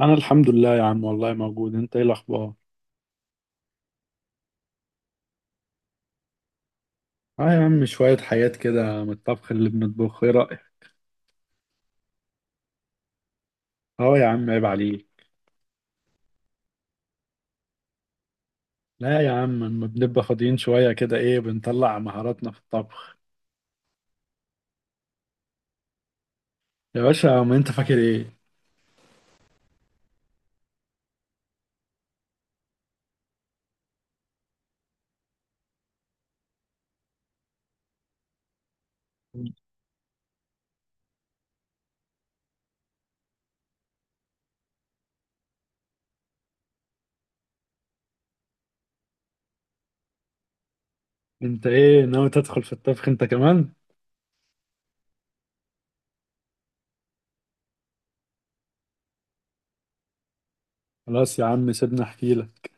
انا الحمد لله يا عم، والله موجود. انت ايه الاخبار؟ اه يا عم، شوية حاجات كده من الطبخ اللي بنطبخه. ايه رأيك؟ اه يا عم، عيب عليك. لا يا عم، لما بنبقى فاضيين شوية كده ايه بنطلع مهاراتنا في الطبخ. يا باشا، ما انت فاكر ايه. انت ايه، ناوي تدخل في الطبخ انت كمان؟ خلاص يا عم سيبنا احكي لك.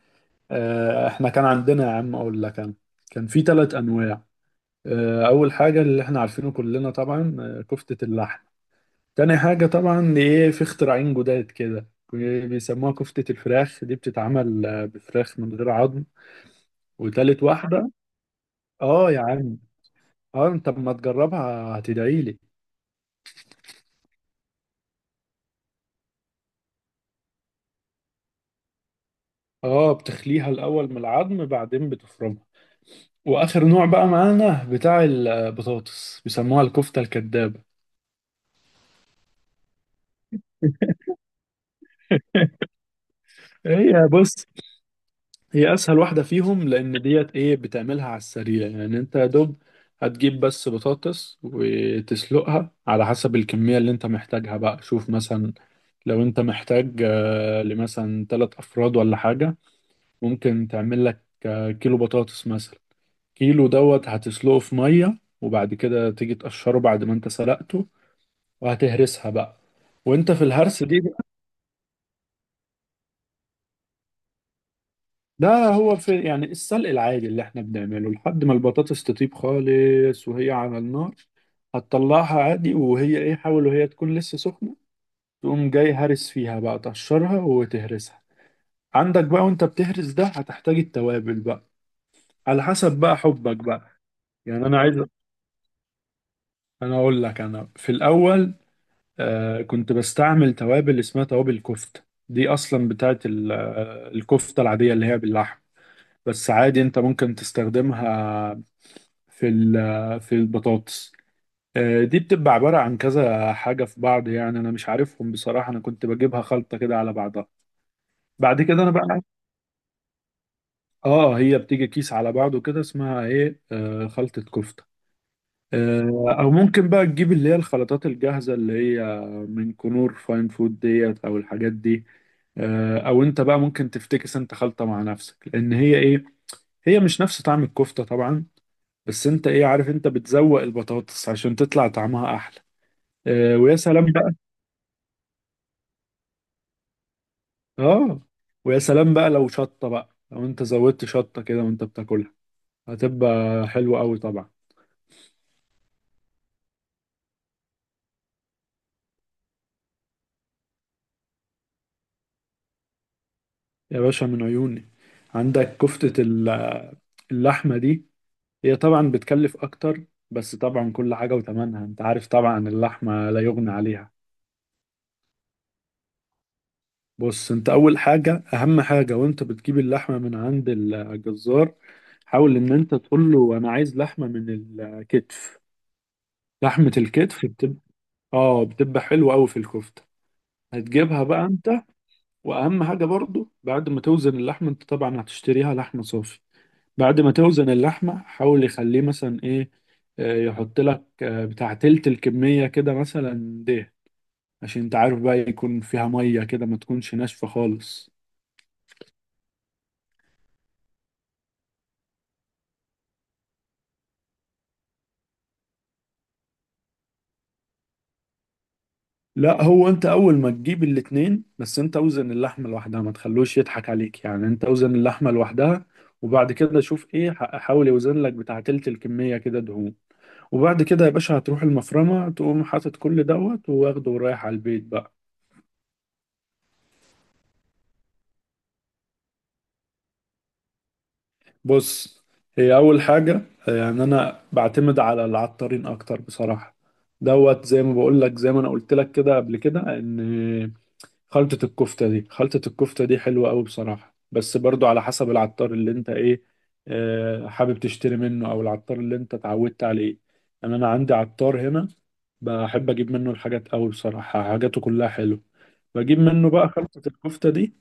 اه احنا كان عندنا يا عم، اقول لك انا، كان في ثلاث انواع. اه اول حاجة اللي احنا عارفينه كلنا طبعا، كفتة اللحم. تاني حاجة طبعا ايه، في اختراعين جداد كده بيسموها كفتة الفراخ، دي بتتعمل بفراخ من غير عظم. وتالت واحدة، اه يا عم. اه انت اما تجربها هتدعيلي. اه بتخليها الأول من العظم بعدين بتفرمها. وآخر نوع بقى معانا بتاع البطاطس، بيسموها الكفتة الكدابة. هي بص، هي اسهل واحده فيهم، لان ديت ايه، بتعملها على السريع، يعني انت يا دوب هتجيب بس بطاطس وتسلقها على حسب الكميه اللي انت محتاجها بقى. شوف مثلا لو انت محتاج لمثلا ثلاث افراد ولا حاجه، ممكن تعمل لك كيلو بطاطس مثلا. كيلو دوت هتسلقه في ميه، وبعد كده تيجي تقشره بعد ما انت سلقته، وهتهرسها بقى. وانت في الهرس دي، ده هو في يعني السلق العادي اللي احنا بنعمله لحد ما البطاطس تطيب خالص وهي على النار. هتطلعها عادي وهي ايه، حاول وهي تكون لسه سخنة، تقوم جاي هرس فيها بقى، تقشرها وتهرسها. عندك بقى وانت بتهرس، ده هتحتاج التوابل بقى على حسب بقى حبك بقى. يعني انا عايز، اقول لك، انا في الاول آه كنت بستعمل توابل اسمها توابل كفتة. دي اصلا بتاعت الكفتة العادية اللي هي باللحم، بس عادي انت ممكن تستخدمها في البطاطس. آه، دي بتبقى عبارة عن كذا حاجة في بعض. يعني أنا مش عارفهم بصراحة، أنا كنت بجيبها خلطة كده على بعضها. بعد كده أنا بقى، آه هي بتيجي كيس على بعضه كده، اسمها إيه، خلطة كفتة. آه، أو ممكن بقى تجيب اللي هي الخلطات الجاهزة اللي هي من كنور فاين فود ديت أو الحاجات دي. آه، أو أنت بقى ممكن تفتكس أنت خلطة مع نفسك، لأن هي إيه، هي مش نفس طعم الكفتة طبعا. بس أنت إيه عارف، أنت بتزوق البطاطس عشان تطلع طعمها أحلى. آه، ويا سلام بقى. اه ويا سلام بقى، لو شطة بقى، لو انت زودت شطة كده وانت بتاكلها هتبقى حلوة قوي طبعا. يا باشا من عيوني. عندك اللحمة دي، هي طبعا بتكلف اكتر، بس طبعا كل حاجة وتمنها، انت عارف طبعا اللحمة لا يغنى عليها. بص انت، اول حاجة اهم حاجة وانت بتجيب اللحمة من عند الجزار، حاول ان انت تقول له انا عايز لحمة من الكتف. لحمة الكتف بتبقى اه بتبقى حلوة قوي في الكفتة. هتجيبها بقى انت. واهم حاجه برضو، بعد ما توزن اللحمه، انت طبعا هتشتريها لحمه صافي. بعد ما توزن اللحمه، حاول يخليه مثلا ايه، يحط لك بتاع تلت الكميه كده مثلا ده، عشان انت عارف بقى يكون فيها ميه كده، ما تكونش ناشفه خالص. لا، هو انت اول ما تجيب الاتنين، بس انت اوزن اللحمه لوحدها، ما تخلوش يضحك عليك، يعني انت اوزن اللحمه لوحدها. وبعد كده شوف ايه، حاول يوزن لك بتاع تلت الكميه كده دهون. وبعد كده يا باشا هتروح المفرمة، تقوم حاطط كل دوت واخده ورايح على البيت بقى. بص هي أول حاجة، يعني أنا بعتمد على العطارين أكتر بصراحة. دوت زي ما بقول لك، زي ما أنا قلت لك كده قبل كده، إن خلطة الكفتة دي، خلطة الكفتة دي حلوة أوي بصراحة، بس برضو على حسب العطار اللي أنت إيه، حابب تشتري منه، أو العطار اللي أنت اتعودت عليه. يعني أنا عندي عطار هنا بحب اجيب منه الحاجات قوي بصراحة، حاجاته كلها حلوة. بجيب منه بقى خلطة الكفتة دي.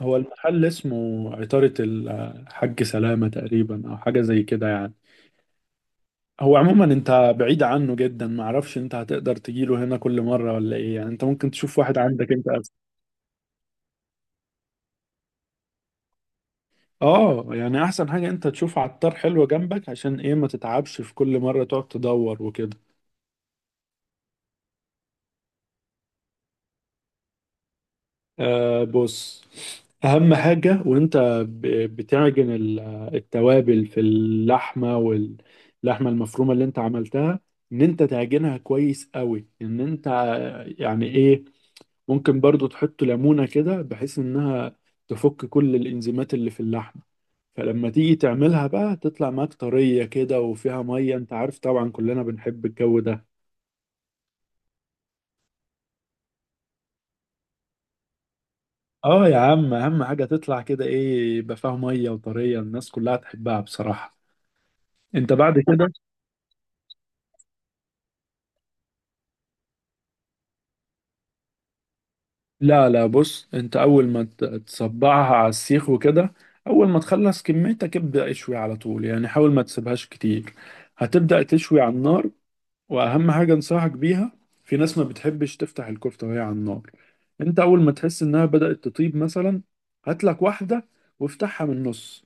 هو المحل اسمه عطارة الحاج سلامة تقريبا، او حاجة زي كده يعني. هو عموما انت بعيد عنه جدا، معرفش انت هتقدر تجيله هنا كل مرة ولا ايه. يعني انت ممكن تشوف واحد عندك انت أسهل. اه، يعني احسن حاجة انت تشوف عطار حلو جنبك، عشان ايه ما تتعبش في كل مرة تقعد تدور وكده. آه بص، أهم حاجة وأنت بتعجن التوابل في اللحمة، واللحمة المفرومة اللي أنت عملتها، إن أنت تعجنها كويس قوي. إن أنت يعني إيه، ممكن برضو تحط ليمونة كده، بحيث إنها تفك كل الإنزيمات اللي في اللحمة، فلما تيجي تعملها بقى تطلع معاك طرية كده وفيها مية، أنت عارف طبعا كلنا بنحب الجو ده. آه يا عم، أهم حاجة تطلع كده إيه، يبقى فيها مية وطرية، الناس كلها تحبها بصراحة. انت بعد كده، لا بص، انت اول ما تصبعها على السيخ وكده، اول ما تخلص كميتك ابدأ اشوي على طول، يعني حاول ما تسيبهاش كتير. هتبدأ تشوي على النار. واهم حاجه انصحك بيها، في ناس ما بتحبش تفتح الكفته وهي على النار. انت اول ما تحس انها بدات تطيب مثلا، هات لك واحده وافتحها من النص،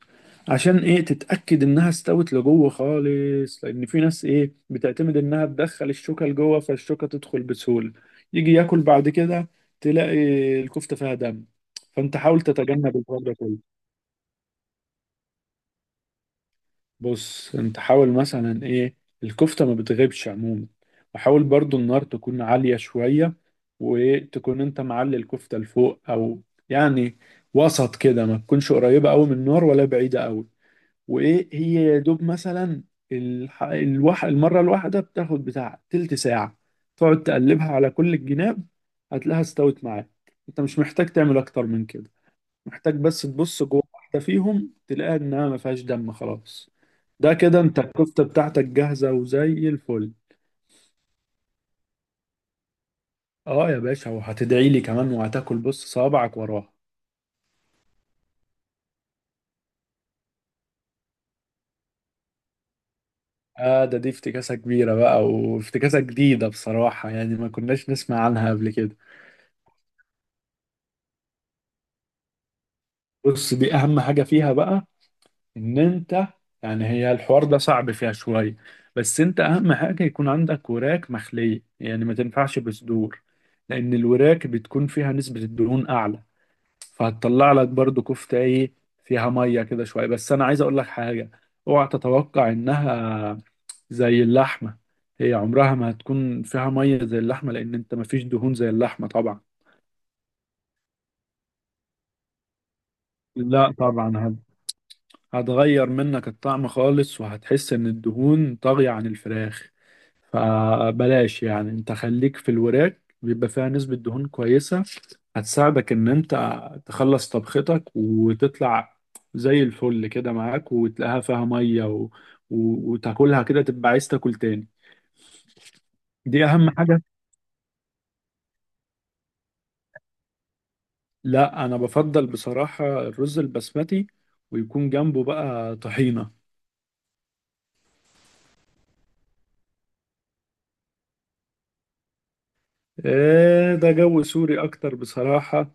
عشان ايه تتاكد انها استوت لجوه خالص، لان في ناس ايه بتعتمد انها تدخل الشوكه لجوه، فالشوكه تدخل بسهوله، يجي ياكل بعد كده تلاقي الكفته فيها دم. فانت حاول تتجنب الحوار ده كله. بص انت حاول مثلا ايه، الكفتة ما بتغيبش عموما، وحاول برضو النار تكون عالية شوية، وتكون انت معلي الكفتة لفوق او يعني وسط كده، ما تكونش قريبة قوي من النار ولا بعيدة قوي. وايه هي يا دوب مثلا، المرة الواحدة بتاخد بتاع تلت ساعة، تقعد تقلبها على كل الجناب، هتلاقيها استوت معاك. انت مش محتاج تعمل اكتر من كده، محتاج بس تبص جوه واحدة فيهم تلاقيها إنها ما فيهاش دم خلاص. ده كده أنت الكفتة بتاعتك جاهزة وزي الفل. أه يا باشا، وهتدعي لي كمان وهتاكل بص صوابعك وراها. آه ده دي افتكاسة كبيرة بقى، وافتكاسة جديدة بصراحة، يعني ما كناش نسمع عنها قبل كده. بص دي أهم حاجة فيها بقى، إن أنت يعني، هي الحوار ده صعب فيها شوية، بس أنت أهم حاجة يكون عندك وراك مخلية، يعني ما تنفعش بصدور، لأن الوراك بتكون فيها نسبة الدهون أعلى، فهتطلع لك برضو كفتة ايه فيها مية كده شوية. بس انا عايز اقول لك حاجة، اوعى تتوقع انها زي اللحمة. هي عمرها ما هتكون فيها مية زي اللحمة، لان انت مفيش دهون زي اللحمة طبعا. لا طبعا هتغير منك الطعم خالص، وهتحس ان الدهون طاغية عن الفراخ، فبلاش، يعني انت خليك في الوراك بيبقى فيها نسبة دهون كويسة، هتساعدك ان انت تخلص طبختك وتطلع زي الفل كده معاك، وتلاقيها فيها ميه وتاكلها كده تبقى عايز تاكل تاني. دي اهم حاجه. لا انا بفضل بصراحه الرز البسمتي، ويكون جنبه بقى طحينه. ايه ده، جو سوري اكتر بصراحه.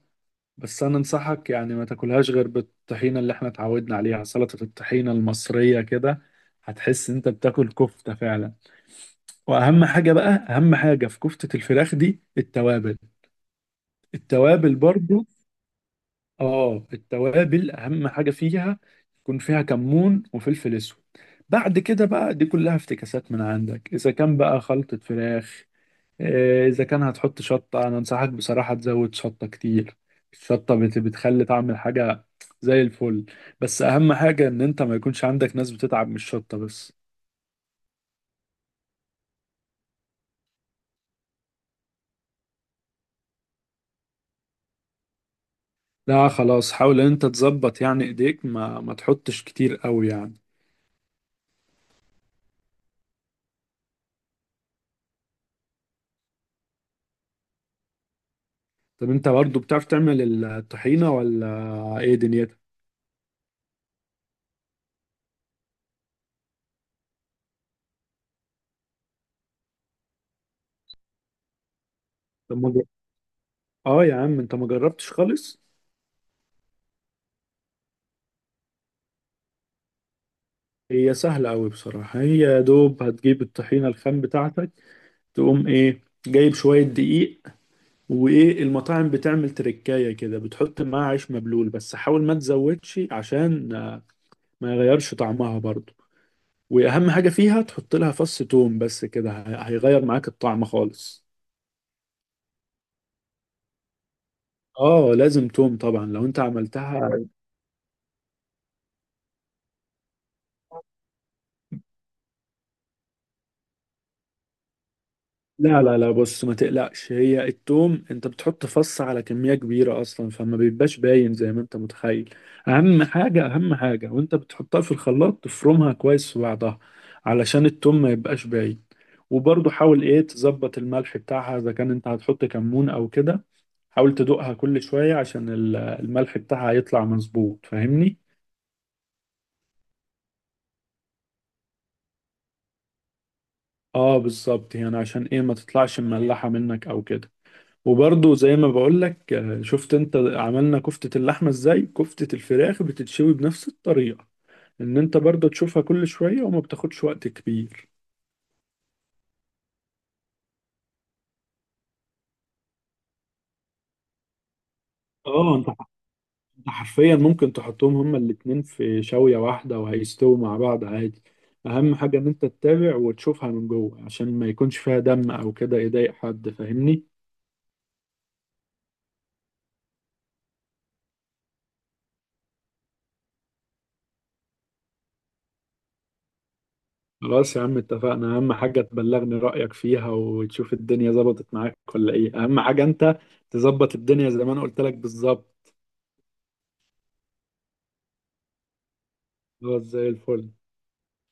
بس انا انصحك يعني ما تاكلهاش غير بالطحينه اللي احنا اتعودنا عليها، سلطه الطحينه المصريه كده، هتحس انت بتاكل كفته فعلا. واهم حاجه بقى، اهم حاجه في كفته الفراخ دي التوابل. التوابل برضو. اه التوابل اهم حاجه فيها، يكون فيها كمون وفلفل اسود. بعد كده بقى دي كلها افتكاسات من عندك اذا كان بقى خلطه فراخ. آه، اذا كان هتحط شطه، انا انصحك بصراحه تزود شطه كتير. الشطه بتخلي طعم الحاجه زي الفل. بس اهم حاجه ان انت ما يكونش عندك ناس بتتعب من الشطه بس. لا خلاص، حاول ان انت تظبط، يعني ايديك ما تحطش كتير قوي يعني. طب انت برضو بتعرف تعمل الطحينة ولا؟ ايه دنيتك. طب ما ج- اه يا عم انت ما جربتش خالص. هي سهلة قوي بصراحة، هي يا دوب هتجيب الطحينة الخام بتاعتك، تقوم ايه جايب شوية دقيق، وايه، المطاعم بتعمل تركاية كده، بتحط معاها عيش مبلول، بس حاول ما تزودش عشان ما يغيرش طعمها برضو. واهم حاجة فيها تحط لها فص توم، بس كده هيغير معاك الطعم خالص. اه لازم توم طبعا لو انت عملتها. لا بص، ما تقلقش، هي التوم انت بتحط فص على كمية كبيرة اصلا، فما بيبقاش باين زي ما انت متخيل. اهم حاجة وانت بتحطها في الخلاط تفرمها كويس في بعضها، علشان التوم ما يبقاش باين. وبرضه حاول ايه تظبط الملح بتاعها، اذا كان انت هتحط كمون او كده حاول تدوقها كل شوية، عشان الملح بتاعها يطلع مظبوط، فاهمني. اه بالظبط، يعني عشان ايه ما تطلعش مملحة منك او كده. وبرضه زي ما بقولك آه، شفت انت عملنا كفتة اللحمة ازاي، كفتة الفراخ بتتشوي بنفس الطريقة، ان انت برضه تشوفها كل شوية وما بتاخدش وقت كبير. اه انت، انت حرفيا ممكن تحطهم هما الاتنين في شوية واحدة وهيستووا مع بعض عادي. اهم حاجة ان انت تتابع وتشوفها من جوه عشان ما يكونش فيها دم او كده يضايق حد، فاهمني. خلاص يا عم اتفقنا، اهم حاجة تبلغني رأيك فيها، وتشوف الدنيا ظبطت معاك ولا ايه، اهم حاجة انت تظبط الدنيا زي ما انا قلت لك بالظبط. اه زي الفل.